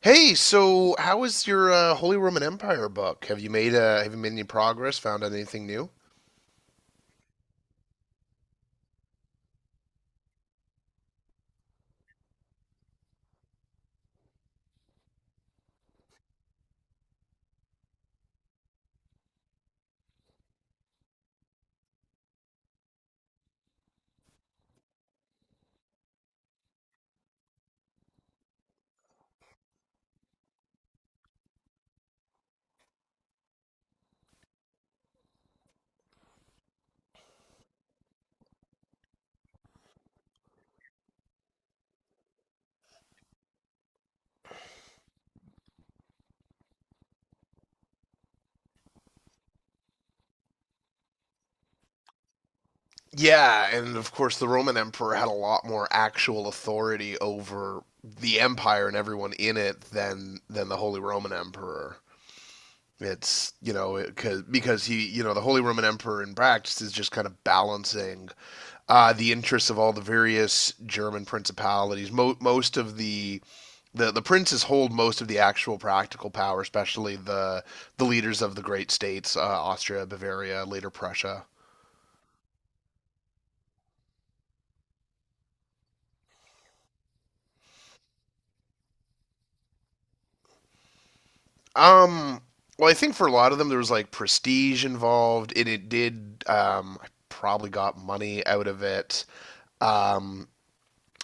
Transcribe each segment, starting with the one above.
Hey, so how is your Holy Roman Empire book? Have you made any progress? Found out anything new? Yeah, and of course the Roman Emperor had a lot more actual authority over the empire and everyone in it than the Holy Roman Emperor. It's you know it, cause, Because he, you know, the Holy Roman Emperor in practice is just kind of balancing the interests of all the various German principalities. Most of the princes hold most of the actual practical power, especially the leaders of the great states, Austria, Bavaria, later Prussia. Um, well, I think for a lot of them there was like prestige involved, and it did. I probably got money out of it. Um,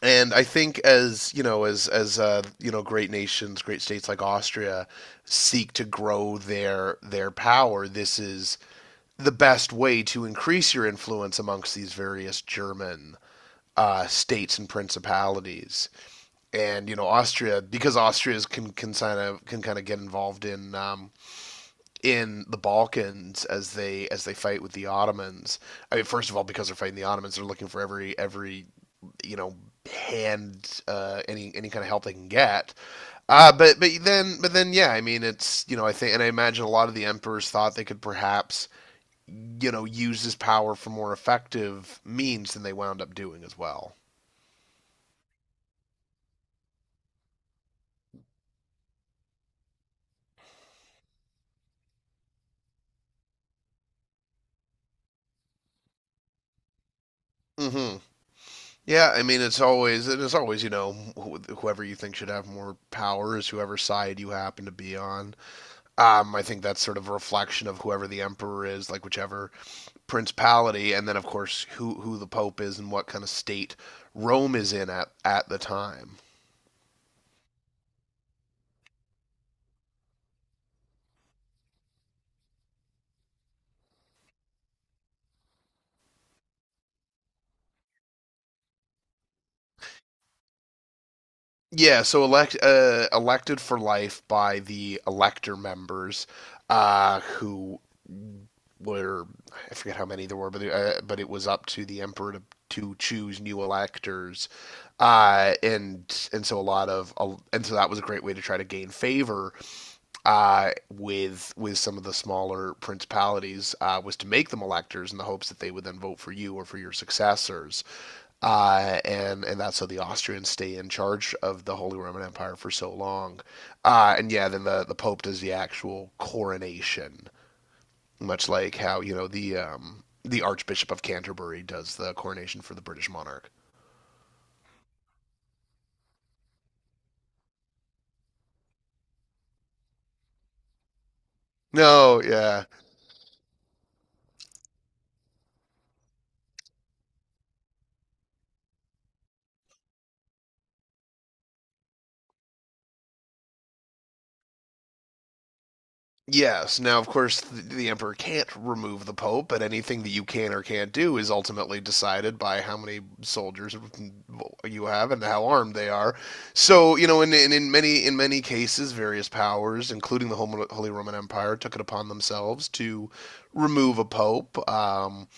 and I think, as you know, as you know, great nations, great states like Austria seek to grow their power. This is the best way to increase your influence amongst these various German states and principalities. And, you know, Austria, because Austria can kind of get involved in the Balkans as they fight with the Ottomans. I mean, first of all, because they're fighting the Ottomans, they're looking for every you know, hand, any kind of help they can get. But then yeah, I mean it's, you know, I think, and I imagine a lot of the emperors thought they could perhaps, you know, use this power for more effective means than they wound up doing as well. Mm hmm Yeah, I mean it's always you know, whoever you think should have more power is whoever side you happen to be on. I think that's sort of a reflection of whoever the emperor is, like whichever principality, and then of course who the pope is and what kind of state Rome is in at the time. Yeah, so elected for life by the elector members, who were, I forget how many there were, but it was up to the emperor to choose new electors, and so a lot of and so that was a great way to try to gain favor with some of the smaller principalities, was to make them electors in the hopes that they would then vote for you or for your successors, and that's how the Austrians stay in charge of the Holy Roman Empire for so long. And yeah, then the Pope does the actual coronation, much like how, you know, the Archbishop of Canterbury does the coronation for the British monarch. No, yeah. Yes. Now, of course, the emperor can't remove the pope, but anything that you can or can't do is ultimately decided by how many soldiers you have and how armed they are. So, you know, in many cases, various powers, including the Holy Roman Empire, took it upon themselves to remove a pope.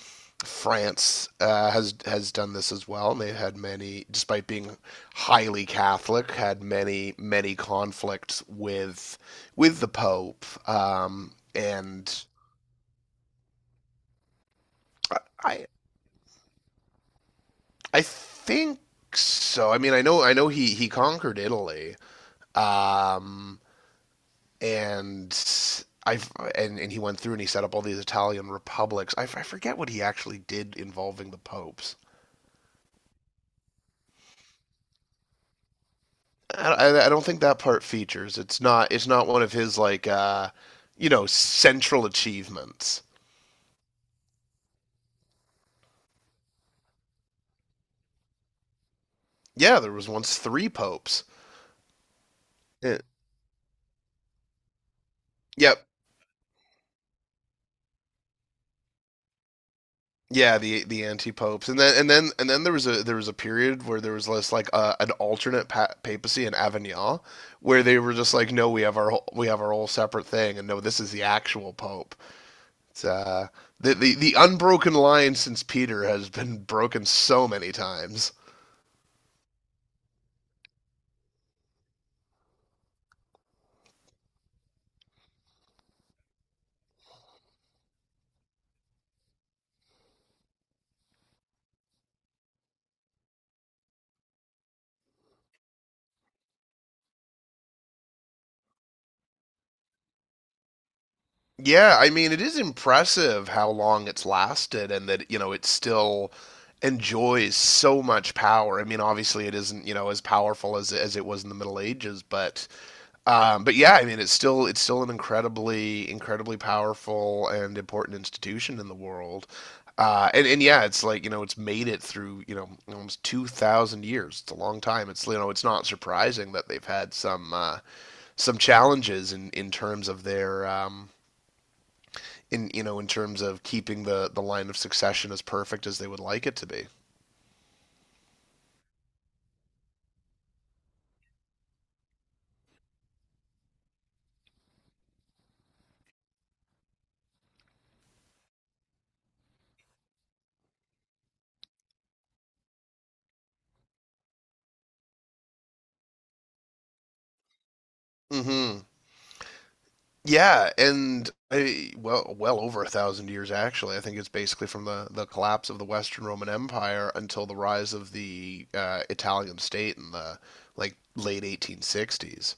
France has done this as well, and they've had many, despite being highly Catholic, had many conflicts with the Pope, and I I think so. I mean, I know he conquered Italy, um, and I and he went through and he set up all these Italian republics. I forget what he actually did involving the popes. I don't think that part features. It's not. It's not one of his like, you know, central achievements. Yeah, there was once three popes. Eh, yep. Yeah, the anti popes, and then there was a period where there was less like an alternate pa papacy in Avignon, where they were just like, no, we have our whole separate thing, and no, this is the actual pope. It's The unbroken line since Peter has been broken so many times. Yeah, I mean, it is impressive how long it's lasted and that, you know, it still enjoys so much power. I mean, obviously it isn't, you know, as powerful as it was in the Middle Ages, but yeah, I mean, it's still an incredibly powerful and important institution in the world. And yeah, it's like, you know, it's made it through, you know, almost 2,000 years. It's a long time. It's, you know, it's not surprising that they've had some challenges in terms of their in, you know, in terms of keeping the line of succession as perfect as they would like it to be. Mm-hmm. Yeah, and well, well over 1,000 years actually. I think it's basically from the collapse of the Western Roman Empire until the rise of the Italian state in the like late 1860s.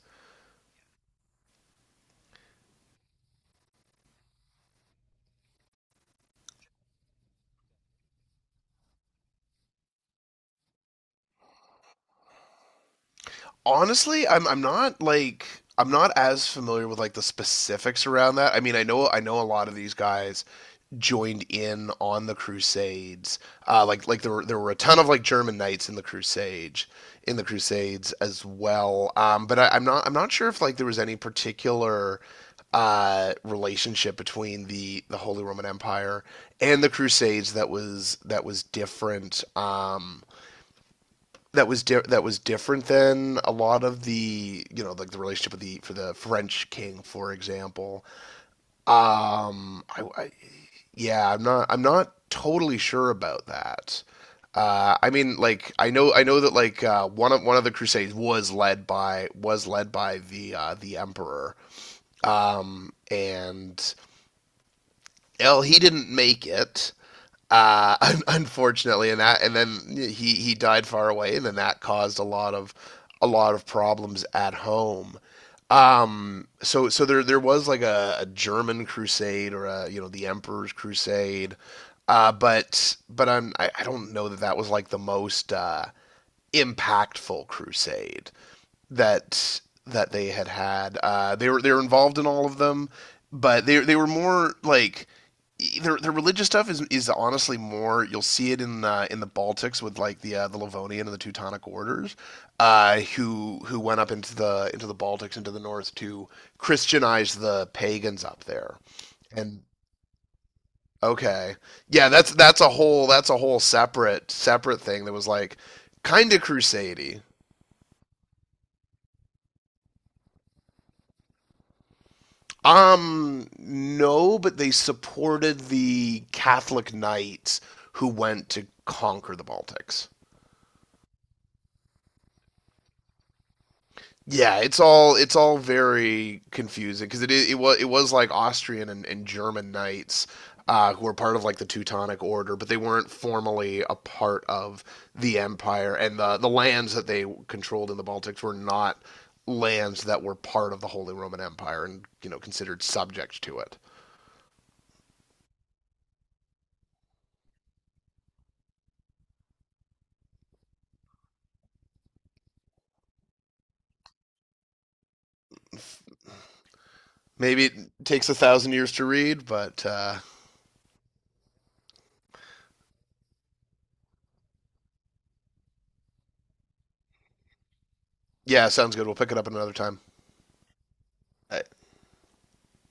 Honestly, I'm not as familiar with like the specifics around that. I mean, I know a lot of these guys joined in on the Crusades. Like there were a ton of like German knights in the Crusades as well. But I'm not sure if like there was any particular relationship between the Holy Roman Empire and the Crusades that was different. That was different than a lot of the, you know, like the relationship with the for the French king for example. I yeah, I'm not totally sure about that. I mean, like, I know that like one of the Crusades was led by the Emperor, and, well, he didn't make it, unfortunately, and then he died far away, and then that caused a lot of problems at home. So there was like a German crusade or, a you know, the Emperor's crusade, but I don't know that that was like the most impactful crusade that that they had had. They were involved in all of them, but they were more like their religious stuff is honestly more. You'll see it in the Baltics with like the Livonian and the Teutonic orders, who went up into the Baltics into the north to Christianize the pagans up there. And okay, yeah, that's a whole separate separate thing that was like kind of crusady. No, but they supported the Catholic knights who went to conquer the Baltics. Yeah, it's all very confusing because it is, it was like Austrian and German knights who were part of like the Teutonic Order, but they weren't formally a part of the empire, and the lands that they controlled in the Baltics were not lands that were part of the Holy Roman Empire and, you know, considered subject to it. Maybe it takes 1,000 years to read, but yeah, sounds good. We'll pick it up another time. I,